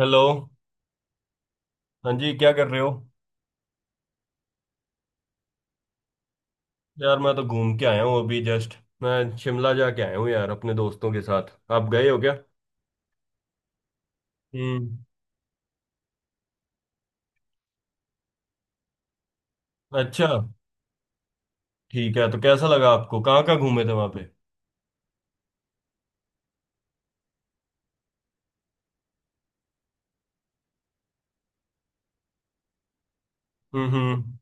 Hello. हाँ जी, क्या कर रहे हो? यार मैं तो घूम के आया हूँ अभी जस्ट। मैं शिमला जाके आया हूँ यार अपने दोस्तों के साथ। आप गए हो क्या? हम्म। अच्छा। ठीक है, तो कैसा लगा आपको? कहाँ कहाँ घूमे थे वहाँ पे? हम्म।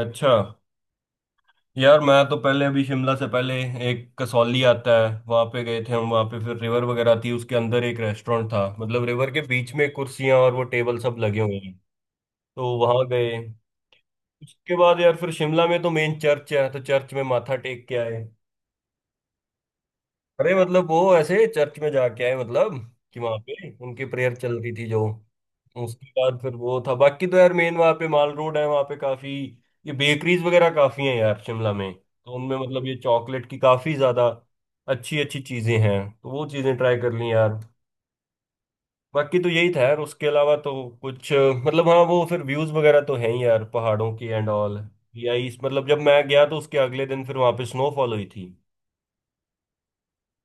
अच्छा। यार मैं तो पहले, अभी शिमला से पहले एक कसौली आता है वहाँ पे गए थे हम। वहाँ पे फिर रिवर वगैरह थी, उसके अंदर एक रेस्टोरेंट था मतलब रिवर के बीच में कुर्सियाँ और वो टेबल सब लगे हुए हैं। तो वहाँ गए। उसके बाद यार फिर शिमला में तो मेन चर्च है, तो चर्च में माथा टेक के आए। अरे मतलब वो ऐसे चर्च में जाके आए मतलब कि वहां पे उनकी प्रेयर चल रही थी जो। उसके बाद फिर वो था, बाकी तो यार मेन वहां पे माल रोड है, वहां पे काफी ये बेकरीज वगैरह काफी हैं यार शिमला में। तो उनमें मतलब ये चॉकलेट की काफी ज्यादा अच्छी अच्छी चीजें हैं, तो वो चीजें ट्राई कर ली यार। बाकी तो यही था यार उसके अलावा तो। कुछ मतलब हाँ, वो फिर व्यूज वगैरह तो है ही यार पहाड़ों की एंड ऑल। या इस मतलब जब मैं गया तो उसके अगले दिन फिर वहां पे स्नोफॉल हुई थी।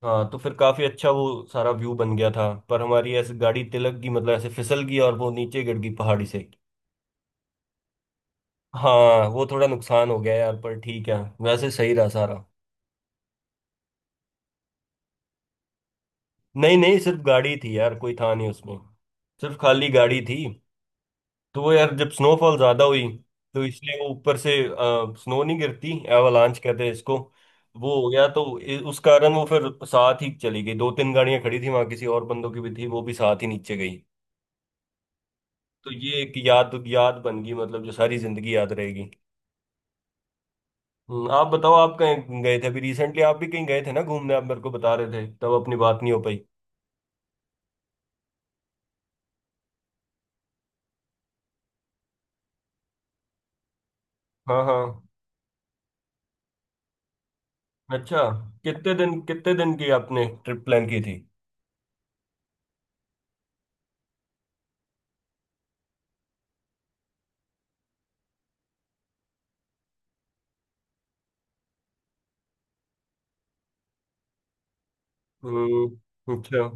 हाँ, तो फिर काफी अच्छा वो सारा व्यू बन गया था। पर हमारी ऐसे गाड़ी तिलक की मतलब ऐसे फिसल गई और वो नीचे गिर गई पहाड़ी से। हाँ, वो थोड़ा नुकसान हो गया यार, पर ठीक है। वैसे सही रहा सारा। नहीं नहीं, सिर्फ गाड़ी थी यार, कोई था नहीं उसमें। सिर्फ खाली गाड़ी थी। तो वो यार जब स्नोफॉल ज्यादा हुई तो इसलिए वो ऊपर से स्नो नहीं गिरती, एवालांच कहते हैं इसको। वो हो गया, तो उस कारण वो फिर साथ ही चली गई। दो तीन गाड़ियां खड़ी थी वहां किसी और बंदों की भी थी, वो भी साथ ही नीचे गई। तो ये एक याद याद बन गई मतलब जो सारी जिंदगी याद रहेगी। आप बताओ, आप कहीं गए थे अभी रिसेंटली? आप भी कहीं गए थे ना घूमने, आप मेरे को बता रहे थे, तब अपनी बात नहीं हो पाई। हाँ हाँ। अच्छा। कितने दिन की आपने ट्रिप प्लान की थी? हम्म। अच्छा।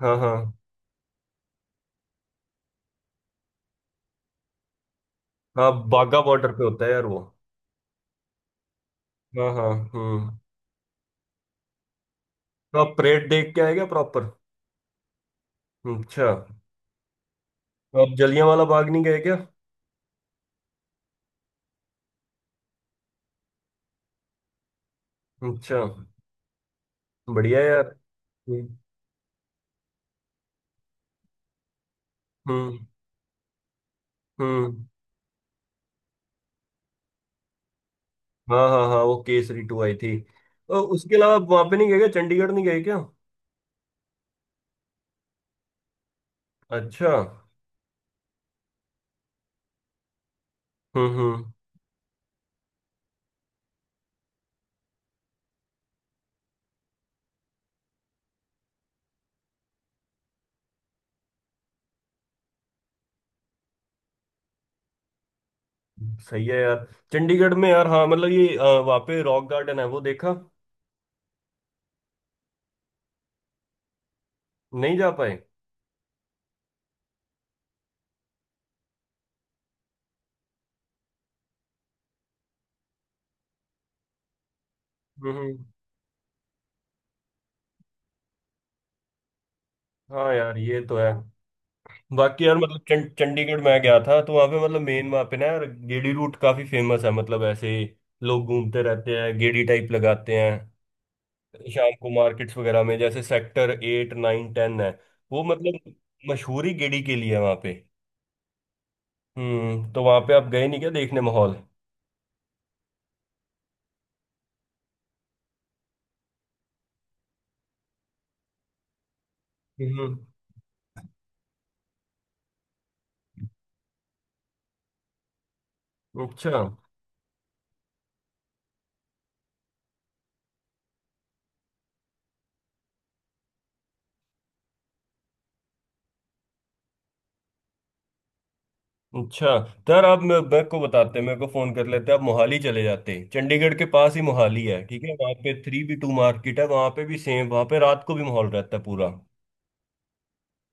हाँ हाँ हाँ, बागा बॉर्डर पे होता है यार वो। हाँ हाँ। हम्म। तो आप परेड देख के आए क्या प्रॉपर? अच्छा। तो आप जलियांवाला बाग नहीं गए क्या? अच्छा। बढ़िया यार। हम्म हम्म हम्म। हाँ हाँ हाँ, वो केसरी 2 आई थी। और उसके अलावा आप वहां पे नहीं गए क्या? चंडीगढ़ नहीं गए क्या? अच्छा। हम्म। सही है यार। चंडीगढ़ में यार, हाँ मतलब ये वहाँ पे रॉक गार्डन है, वो देखा? नहीं जा पाए? हम्म हम्म। हाँ यार, ये तो है। बाकी यार मतलब चंडीगढ़ मैं गया था तो वहाँ पे मतलब मेन वहाँ पे ना यार गेड़ी रूट काफी फेमस है। मतलब ऐसे ही लोग घूमते रहते हैं, गेड़ी टाइप लगाते हैं। शाम को मार्केट्स वगैरह में, जैसे सेक्टर 8, 9, 10 है, वो मतलब मशहूरी गेड़ी के लिए है वहाँ पे। हम्म। तो वहां पे आप गए नहीं क्या देखने माहौल? हम्म। अच्छा। अच्छा यार, आप मेरे को बताते, मेरे को फोन कर लेते। आप मोहाली चले जाते, चंडीगढ़ के पास ही मोहाली है। ठीक है, वहां पे 3B2 मार्केट है, वहां पे भी सेम वहां पे रात को भी माहौल रहता है पूरा।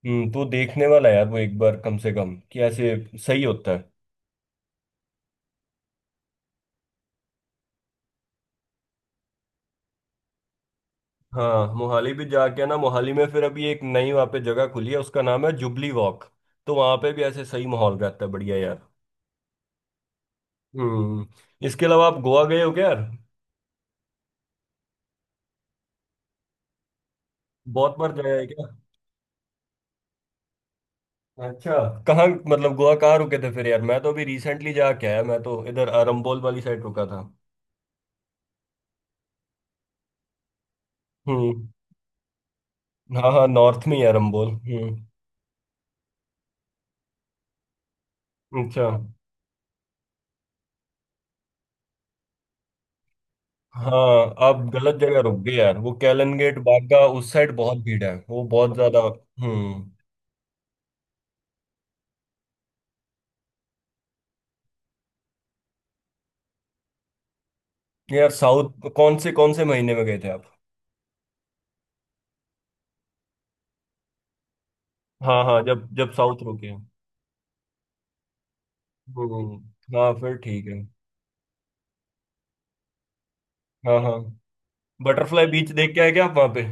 हम्म। तो देखने वाला है यार वो एक बार कम से कम, कि ऐसे सही होता है। हाँ, मोहाली भी जाके ना, मोहाली में फिर अभी एक नई वहां पे जगह खुली है, उसका नाम है जुबली वॉक। तो वहां पे भी ऐसे सही माहौल रहता है, बढ़िया यार। हम्म। इसके अलावा आप गोवा गए हो क्या यार? बहुत बार जाया है क्या? अच्छा। कहाँ मतलब गोवा कहाँ रुके थे फिर यार? मैं तो अभी रिसेंटली जाके आया, मैं तो इधर अरम्बोल वाली साइड रुका था। हम्म। हाँ हाँ, नॉर्थ में ही है अरम्बोल। हम्म। अच्छा। हाँ, आप गलत जगह रुक गए यार। वो कैलन गेट बागा उस साइड बहुत भीड़ है, वो बहुत ज्यादा। हम्म। यार साउथ कौन से महीने में गए थे आप? हाँ हाँ, जब जब साउथ रुके। हम्म, हाँ फिर ठीक है। हाँ हाँ। बटरफ्लाई बीच देख के आए क्या आप वहाँ पे?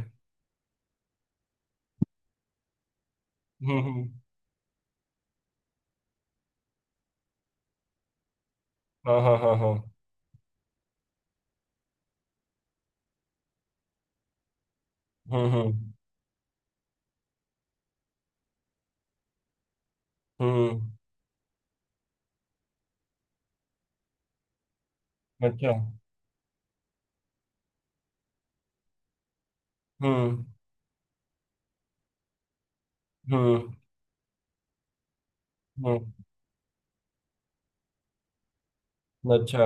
हम्म। हाँ हाँ हाँ हाँ। हम्म हम्म हम्म। अच्छा। हम्म हम्म हम्म। अच्छा।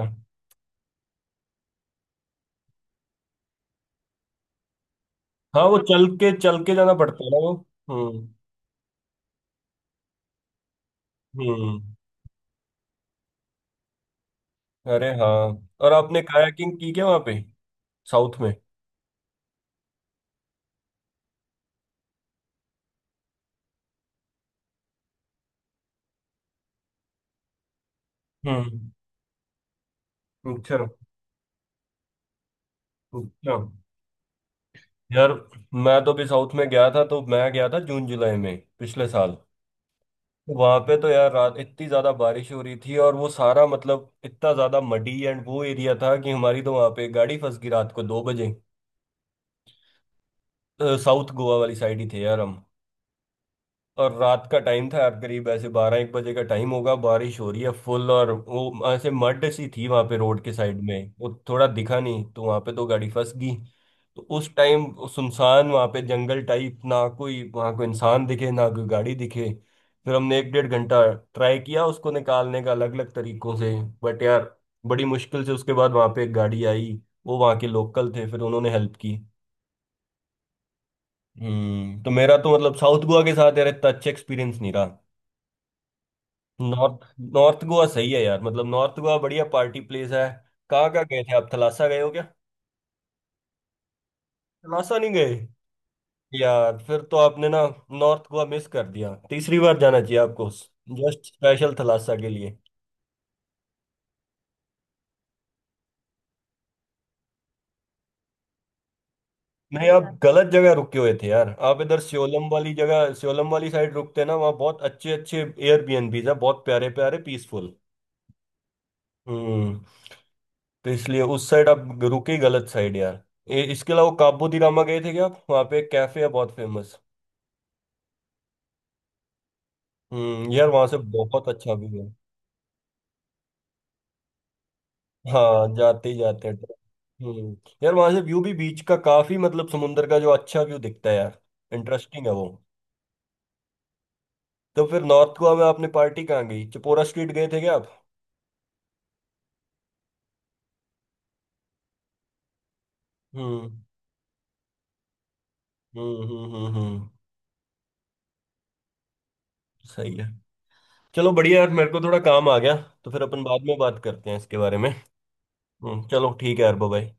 हाँ, वो चल के जाना पड़ता है ना वो। हम्म हम्म। अरे हाँ, और आपने कायाकिंग की क्या वहाँ पे? साउथ में। हम्म। अच्छा। अच्छा यार, मैं तो भी साउथ में गया था, तो मैं गया था जून जुलाई में पिछले साल। वहां पे तो यार रात इतनी ज्यादा बारिश हो रही थी और वो सारा मतलब इतना ज्यादा मडी एंड वो एरिया था कि हमारी तो वहां पे गाड़ी फंस गई रात को 2 बजे। साउथ गोवा वाली साइड ही थे यार हम। और रात का टाइम था यार, करीब ऐसे बारह एक बजे का टाइम होगा, बारिश हो रही है फुल और वो ऐसे मड सी थी वहां पे रोड के साइड में, वो थोड़ा दिखा नहीं, तो वहां पे तो गाड़ी फंस गई। तो उस टाइम सुनसान वहां पे जंगल टाइप, ना कोई वहां कोई इंसान दिखे ना कोई गाड़ी दिखे। फिर हमने एक डेढ़ घंटा ट्राई किया उसको निकालने का अलग अलग तरीकों से। बट यार, बड़ी मुश्किल से उसके बाद वहां पे एक गाड़ी आई, वो वहां के लोकल थे, फिर उन्होंने हेल्प की। हम्म। तो मेरा तो मतलब साउथ गोवा के साथ यार इतना अच्छा एक्सपीरियंस नहीं रहा। नॉर्थ नॉर्थ गोवा सही है यार। मतलब नॉर्थ गोवा बढ़िया पार्टी प्लेस है। कहाँ कहाँ गए थे आप? थलासा गए हो क्या? थलासा नहीं गए? यार फिर तो आपने ना नॉर्थ गोवा मिस कर दिया। तीसरी बार जाना चाहिए आपको जस्ट स्पेशल थलासा के लिए। नहीं, आप गलत जगह रुके हुए थे यार। आप इधर श्योलम वाली जगह, श्योलम वाली साइड रुकते ना, वहाँ बहुत अच्छे अच्छे एयरबीएनबीज है, बहुत प्यारे प्यारे, पीसफुल। हम्म। तो इसलिए उस साइड आप रुके, गलत साइड यार। इसके अलावा काबू दी रामा गए थे क्या आप वहाँ पे? एक कैफे है बहुत फेमस। हम्म, यार वहां से बहुत अच्छा व्यू है। हाँ, जाते ही जाते हैं। हम्म। यार वहां से व्यू भी बीच का काफी, मतलब समुंदर का जो अच्छा व्यू दिखता है यार। इंटरेस्टिंग है वो। तो फिर नॉर्थ गोवा में आपने पार्टी कहाँ गई, चिपोरा स्ट्रीट गए थे क्या आप? हम्म हम्म हम्म हम्म हम्म, सही है। चलो बढ़िया यार, मेरे को थोड़ा काम आ गया। तो फिर अपन बाद में बात करते हैं इसके बारे में। हम्म, चलो ठीक है यार, बाय।